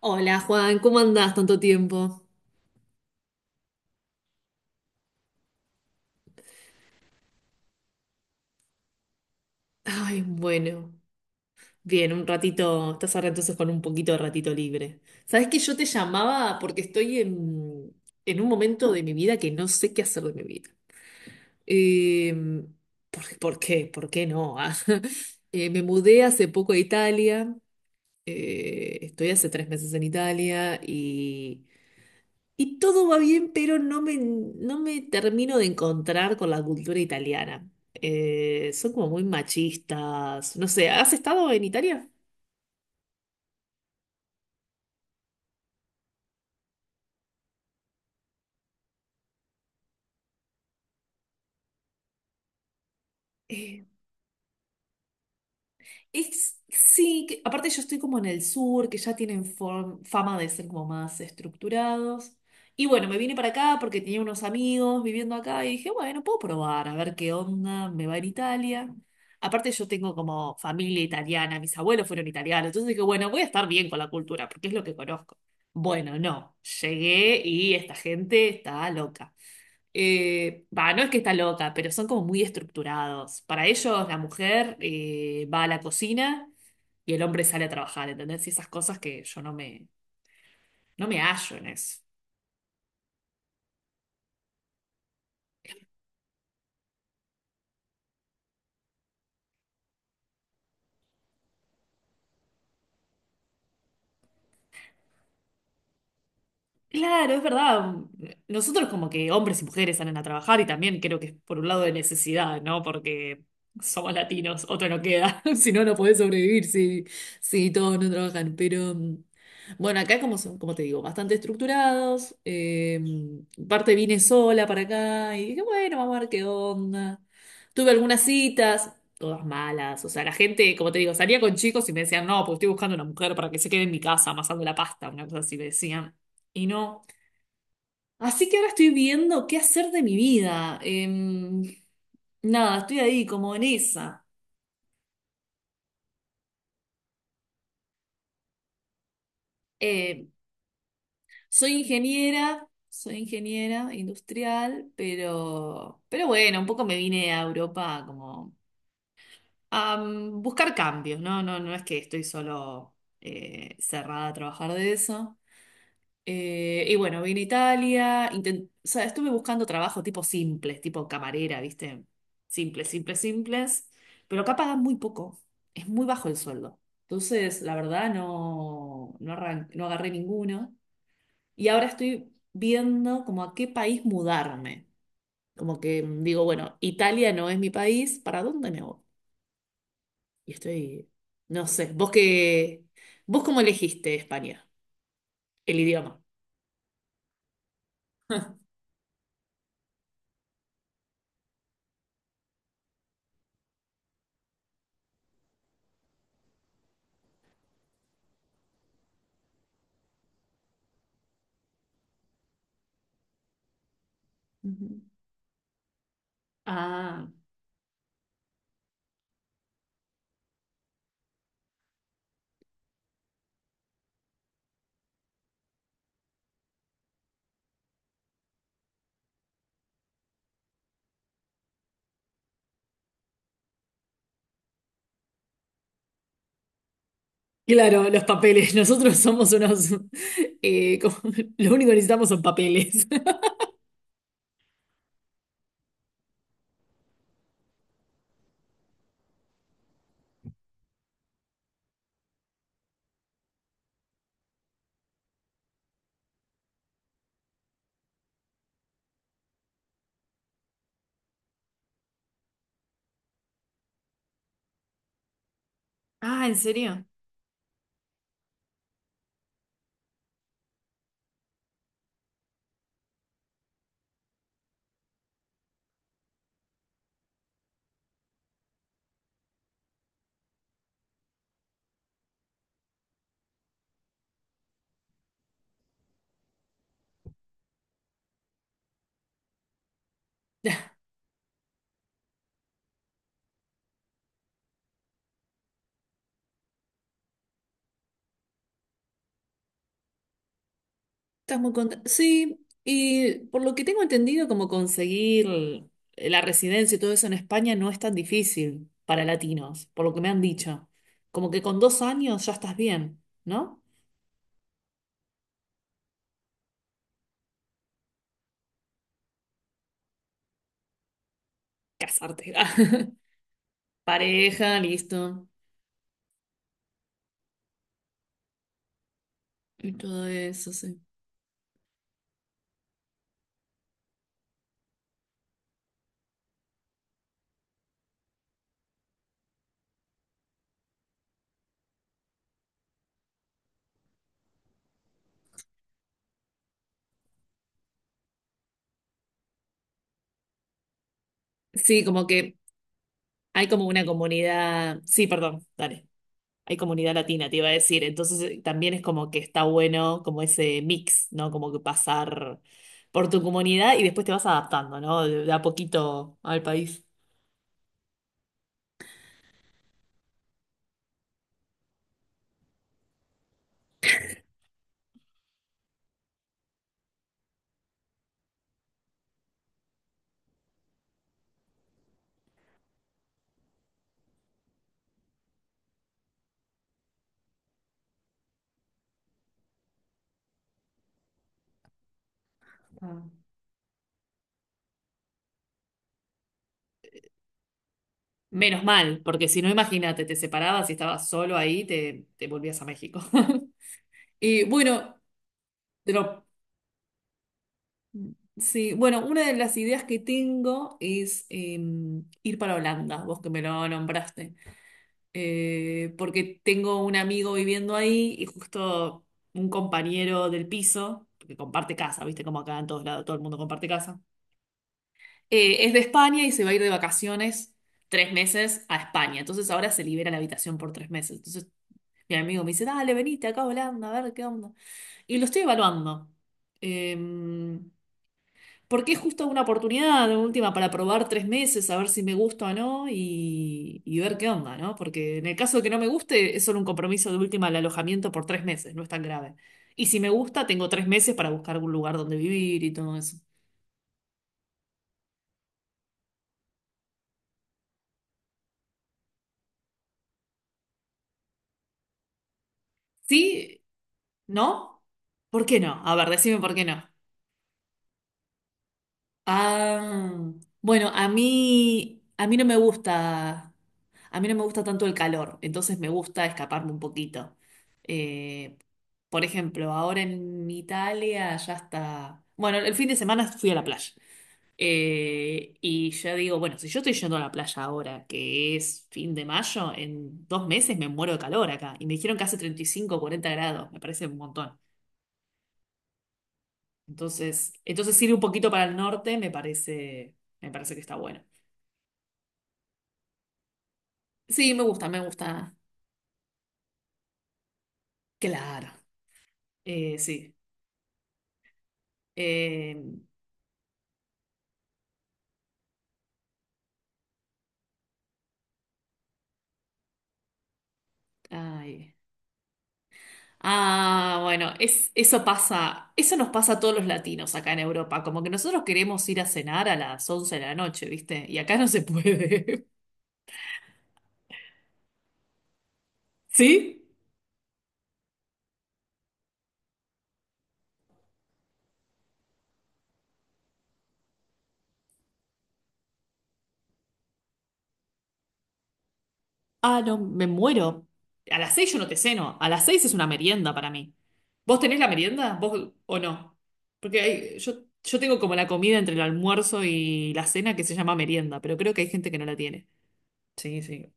Hola Juan, ¿cómo andás tanto tiempo? Ay, bueno. Bien, un ratito, estás ahora entonces con un poquito de ratito libre. Sabes que yo te llamaba porque estoy en un momento de mi vida que no sé qué hacer de mi vida. Eh, ¿por qué? ¿Por qué no? ¿Ah? Me mudé hace poco a Italia. Estoy hace 3 meses en Italia y todo va bien, pero no me termino de encontrar con la cultura italiana. Son como muy machistas. No sé, ¿has estado en Italia? Sí, aparte yo estoy como en el sur, que ya tienen fama de ser como más estructurados. Y bueno, me vine para acá porque tenía unos amigos viviendo acá y dije, bueno, puedo probar, a ver qué onda, me va en Italia. Aparte yo tengo como familia italiana, mis abuelos fueron italianos, entonces dije, bueno, voy a estar bien con la cultura porque es lo que conozco. Bueno, no, llegué y esta gente está loca. Va, no es que está loca, pero son como muy estructurados. Para ellos, la mujer va a la cocina y el hombre sale a trabajar, ¿entendés? Y esas cosas que yo no me hallo en eso. Claro, es verdad. Nosotros como que hombres y mujeres salen a trabajar y también creo que es por un lado de necesidad, ¿no? Porque somos latinos, otra no queda. Si no, no podés sobrevivir si todos no trabajan. Pero bueno, acá como son, como te digo, bastante estructurados. Parte vine sola para acá y dije, bueno, vamos a ver qué onda. Tuve algunas citas, todas malas. O sea, la gente, como te digo, salía con chicos y me decían, no, pues estoy buscando una mujer para que se quede en mi casa amasando la pasta, una cosa así me decían. Y no. Así que ahora estoy viendo qué hacer de mi vida. Nada, estoy ahí como en esa. Em, Soy ingeniera, soy ingeniera industrial, pero bueno, un poco me vine a Europa como a buscar cambios, ¿no? No, no es que estoy solo cerrada a trabajar de eso. Y bueno, vine a Italia, o sea, estuve buscando trabajo tipo simples, tipo camarera, ¿viste? Simples, simples, simples, pero acá pagan muy poco, es muy bajo el sueldo. Entonces, la verdad, no, no, no agarré ninguno. Y ahora estoy viendo como a qué país mudarme. Como que digo, bueno, Italia no es mi país, ¿para dónde me voy? Y estoy, no sé, vos cómo elegiste España, el idioma. Ujú. Ah. Claro, los papeles. Nosotros somos unos. eh, como- lo único que necesitamos son papeles. Ah, ¿en serio? Estás muy contenta. Sí, y por lo que tengo entendido, como conseguir la residencia y todo eso en España no es tan difícil para latinos, por lo que me han dicho. Como que con 2 años ya estás bien, ¿no? Casarte. Ah, pareja, listo. Y todo eso, sí. Sí, como que hay como una comunidad. Sí, perdón, dale. Hay comunidad latina, te iba a decir. Entonces también es como que está bueno como ese mix, ¿no? Como que pasar por tu comunidad y después te vas adaptando, ¿no? De a poquito al país. Ah. Menos mal, porque si no, imagínate, te separabas y estabas solo ahí, te volvías a México. Y bueno, pero, sí, bueno, una de las ideas que tengo es ir para Holanda, vos que me lo nombraste. Porque tengo un amigo viviendo ahí y justo un compañero del piso, que comparte casa, viste como acá en todos lados todo el mundo comparte casa, es de España y se va a ir de vacaciones 3 meses a España. Entonces ahora se libera la habitación por 3 meses. Entonces mi amigo me dice, dale, venite acá a Holanda, a ver qué onda. Y lo estoy evaluando. Eh, Porque es justo una oportunidad, de última, para probar 3 meses, a ver si me gusta o no y ver qué onda, ¿no? Porque en el caso de que no me guste, es solo un compromiso de última al alojamiento por 3 meses, no es tan grave. Y si me gusta, tengo 3 meses para buscar algún lugar donde vivir y todo eso. ¿Sí? ¿No? ¿Por qué no? A ver, decime por qué no. Ah, bueno, a mí no me gusta, a mí no me gusta tanto el calor, entonces me gusta escaparme un poquito. Eh, por ejemplo, ahora en Italia ya está, bueno, el fin de semana fui a la playa. Y ya digo, bueno, si yo estoy yendo a la playa ahora, que es fin de mayo, en 2 meses me muero de calor acá. Y me dijeron que hace 35 o 40 grados, me parece un montón. Entonces ir un poquito para el norte me parece que está bueno. Sí, me gusta, me gusta. Claro, sí. Eh, Ay. Ah, bueno, eso pasa, eso nos pasa a todos los latinos acá en Europa, como que nosotros queremos ir a cenar a las 11 de la noche, ¿viste? Y acá no se puede. ¿Sí? Ah, no, me muero. A las 6 yo no te ceno, a las 6 es una merienda para mí. ¿Vos tenés la merienda? ¿Vos o no? Porque yo tengo como la comida entre el almuerzo y la cena que se llama merienda, pero creo que hay gente que no la tiene. Sí, sí.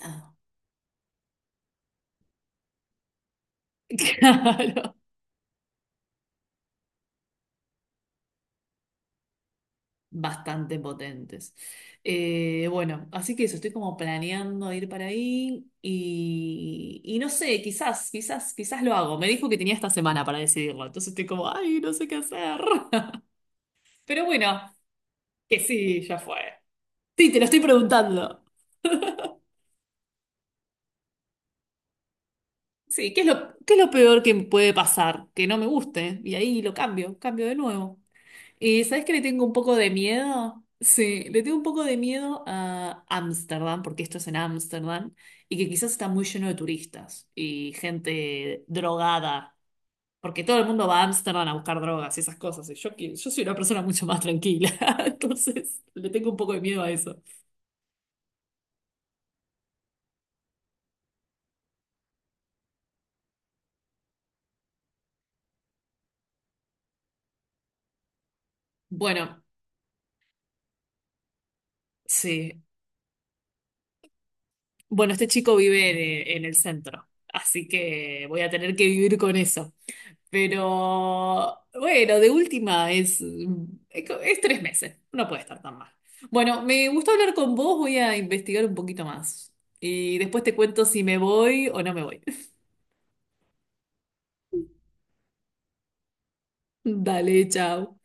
Ah, claro, bastante potentes. Bueno, así que eso, estoy como planeando ir para ahí y no sé, quizás, quizás, quizás lo hago. Me dijo que tenía esta semana para decidirlo, entonces estoy como, ay, no sé qué hacer. Pero bueno, que sí, ya fue. Sí, te lo estoy preguntando. Sí, ¿qué es lo peor que puede pasar? Que no me guste y ahí lo cambio, cambio de nuevo. ¿Sabes que le tengo un poco de miedo? Sí, le tengo un poco de miedo a Ámsterdam, porque esto es en Ámsterdam, y que quizás está muy lleno de turistas y gente drogada, porque todo el mundo va a Ámsterdam a buscar drogas y esas cosas, y yo soy una persona mucho más tranquila, entonces le tengo un poco de miedo a eso. Bueno, sí. Bueno, este chico vive en el centro, así que voy a tener que vivir con eso. Pero bueno, de última es 3 meses, no puede estar tan mal. Bueno, me gustó hablar con vos, voy a investigar un poquito más y después te cuento si me voy o no me voy. Dale, chao.